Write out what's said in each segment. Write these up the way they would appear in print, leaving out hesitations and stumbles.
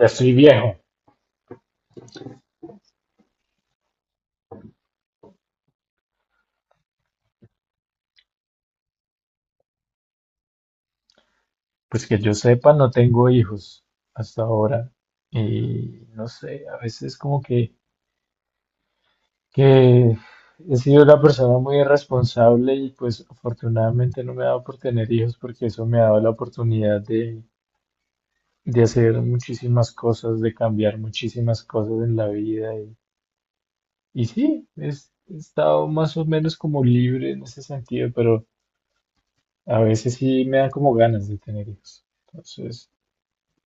Ya estoy viejo. Pues que yo sepa, no tengo hijos hasta ahora. Y no sé, a veces como que, que he sido una persona muy irresponsable y pues afortunadamente no me ha dado por tener hijos porque eso me ha dado la oportunidad de hacer muchísimas cosas, de cambiar muchísimas cosas en la vida. Y sí, he estado más o menos como libre en ese sentido, pero a veces sí me dan como ganas de tener hijos. Entonces,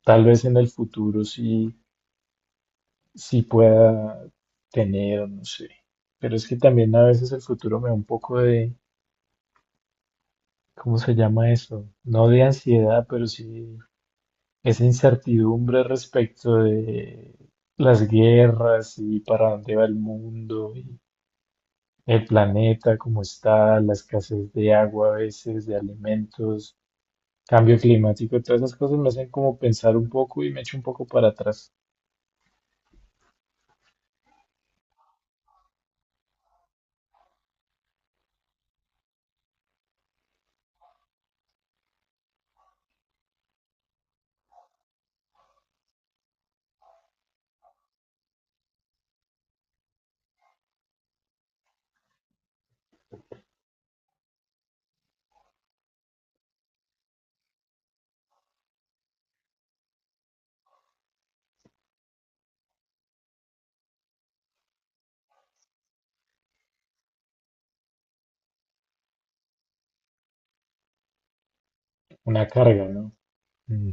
tal vez en el futuro sí pueda tener, no sé. Pero es que también a veces el futuro me da un poco de, ¿cómo se llama eso? No de ansiedad, pero sí esa incertidumbre respecto de las guerras y para dónde va el mundo y el planeta, cómo está, la escasez de agua a veces, de alimentos, cambio climático, todas esas cosas me hacen como pensar un poco y me echo un poco para atrás. Una carga, ¿no? Mm.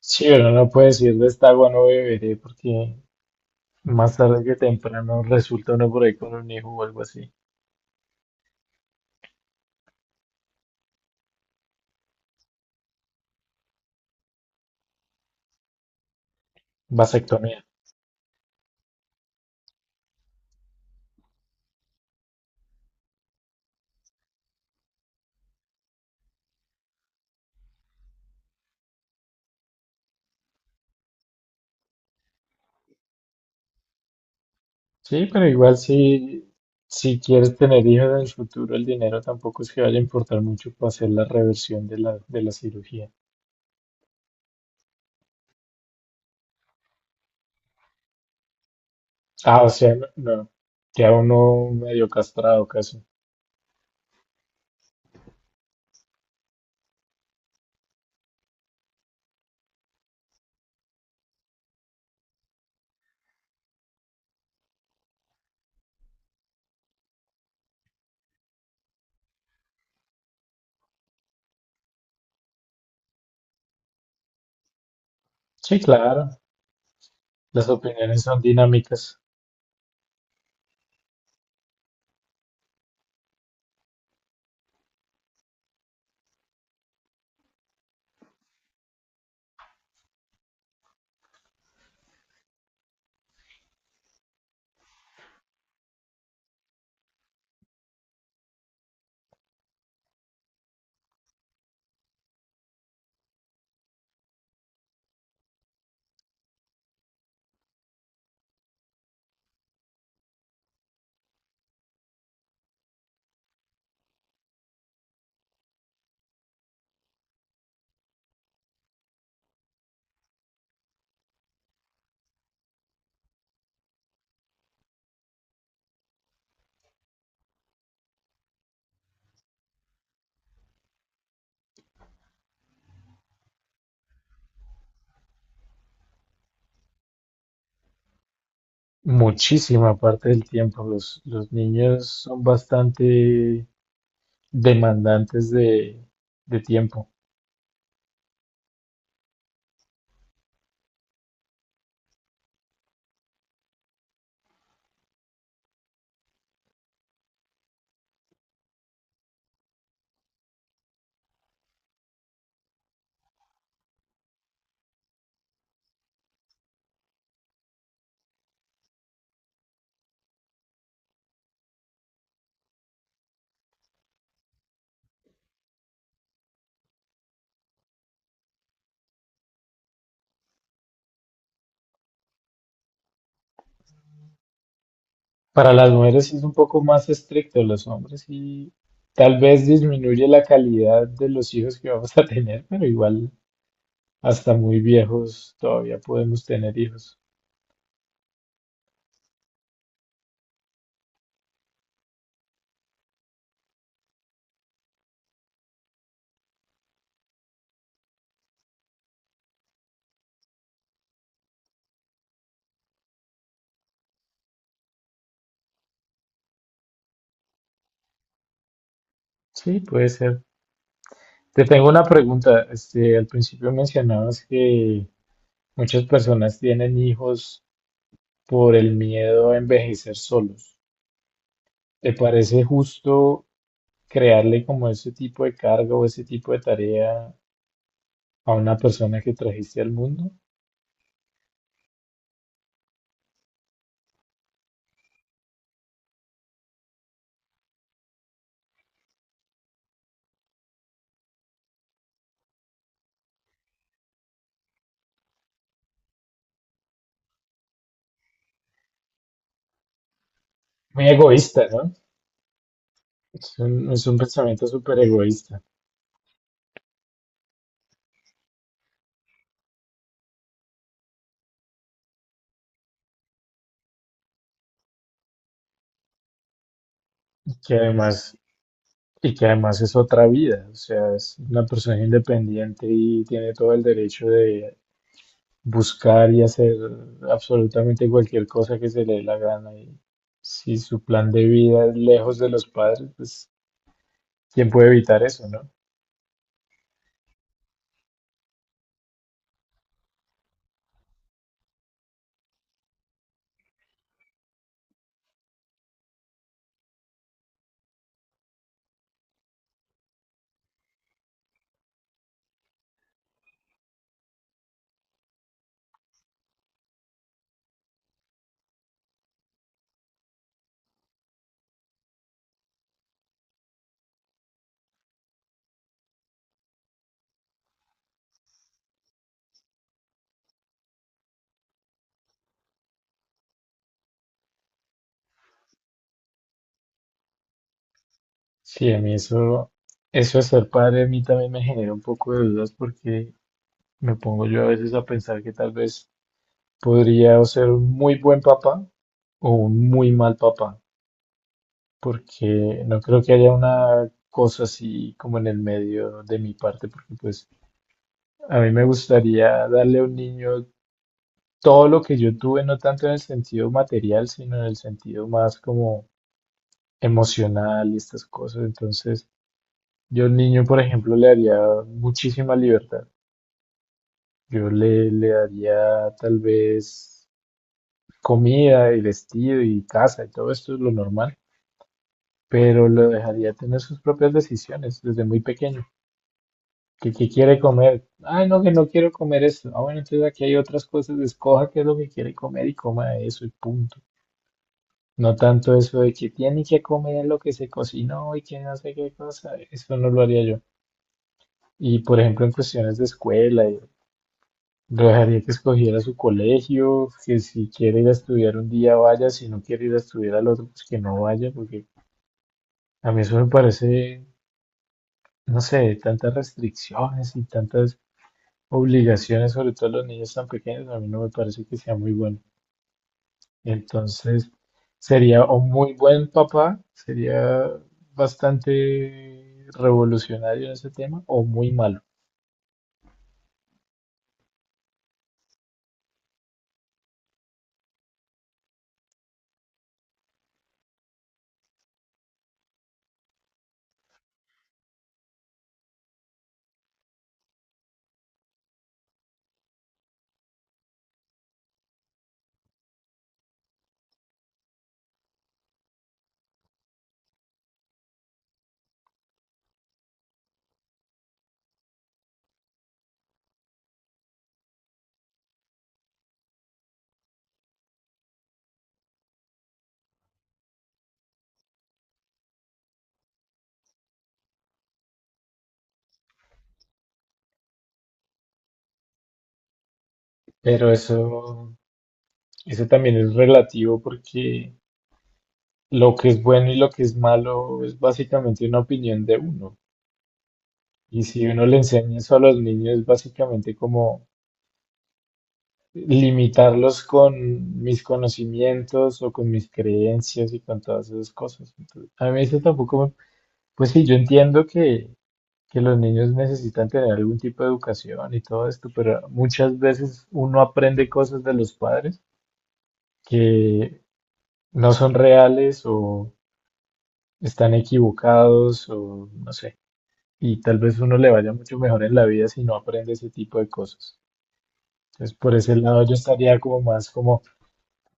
Sí, pero no puede decir de esta agua no beberé porque más tarde que temprano resulta uno por ahí con un hijo o algo así. Vasectomía. Sí, pero igual si, si quieres tener hijos en el futuro, el dinero tampoco es que vaya a importar mucho para hacer la reversión de la cirugía. Ah, o sea, no, no, queda uno medio castrado casi. Sí, claro, las opiniones son dinámicas. Muchísima parte del tiempo los niños son bastante demandantes de tiempo. Para las mujeres sí es un poco más estricto, los hombres y tal vez disminuye la calidad de los hijos que vamos a tener, pero igual hasta muy viejos todavía podemos tener hijos. Sí, puede ser. Te tengo una pregunta. Este, al principio mencionabas que muchas personas tienen hijos por el miedo a envejecer solos. ¿Te parece justo crearle como ese tipo de carga o ese tipo de tarea a una persona que trajiste al mundo? Muy egoísta, ¿no? Es un pensamiento súper egoísta que además, y que además es otra vida, o sea, es una persona independiente y tiene todo el derecho de buscar y hacer absolutamente cualquier cosa que se le dé la gana. Y si su plan de vida es lejos de los padres, pues ¿quién puede evitar eso, no? Sí, a mí eso, eso de ser padre a mí también me genera un poco de dudas porque me pongo yo a veces a pensar que tal vez podría o ser un muy buen papá o un muy mal papá, porque no creo que haya una cosa así como en el medio de mi parte, porque pues a mí me gustaría darle a un niño todo lo que yo tuve, no tanto en el sentido material, sino en el sentido más como emocional y estas cosas. Entonces, yo al niño, por ejemplo, le daría muchísima libertad. Le daría tal vez comida y vestido y casa y todo esto es lo normal, pero lo dejaría tener sus propias decisiones desde muy pequeño. Que quiere comer. Ay, no, que no quiero comer eso. Ah, bueno, entonces aquí hay otras cosas. Escoja qué es lo que quiere comer y coma eso y punto. No tanto eso de que tiene que comer lo que se cocinó y que no sé qué cosa. Eso no lo haría yo. Y por ejemplo, en cuestiones de escuela, yo lo dejaría que escogiera su colegio, que si quiere ir a estudiar un día vaya, si no quiere ir a estudiar al otro, pues que no vaya, porque a mí eso me parece, no sé, tantas restricciones y tantas obligaciones, sobre todo a los niños tan pequeños, a mí no me parece que sea muy bueno. Entonces, sería un muy buen papá, sería bastante revolucionario en ese tema, o muy malo. Pero eso también es relativo porque lo que es bueno y lo que es malo es básicamente una opinión de uno. Y si uno le enseña eso a los niños, es básicamente como limitarlos con mis conocimientos o con mis creencias y con todas esas cosas. Entonces, a mí eso tampoco me- Pues sí, yo entiendo que los niños necesitan tener algún tipo de educación y todo esto, pero muchas veces uno aprende cosas de los padres que no son reales o están equivocados o no sé. Y tal vez uno le vaya mucho mejor en la vida si no aprende ese tipo de cosas. Entonces, por ese lado yo estaría como más como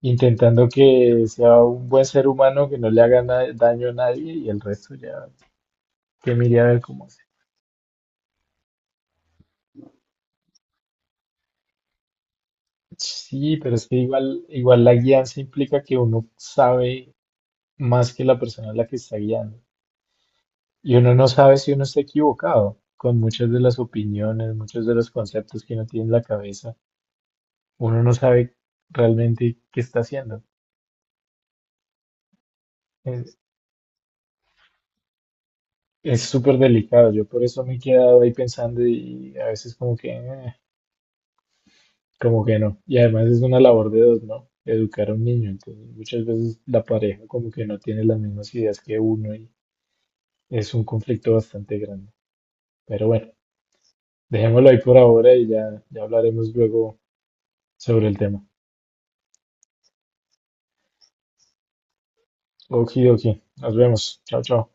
intentando que sea un buen ser humano, que no le haga daño a nadie y el resto ya que mire a ver cómo hace. Sí, pero es que igual, igual la guianza implica que uno sabe más que la persona a la que está guiando. Y uno no sabe si uno está equivocado con muchas de las opiniones, muchos de los conceptos que uno tiene en la cabeza. Uno no sabe realmente qué está haciendo. Es es súper delicado. Yo por eso me he quedado ahí pensando y a veces como que... como que no. Y además es una labor de dos, ¿no? Educar a un niño. Entonces, muchas veces la pareja como que no tiene las mismas ideas que uno y es un conflicto bastante grande. Pero bueno, dejémoslo ahí por ahora y ya, ya hablaremos luego sobre el tema. Okidoki. Nos vemos. Chao, chao.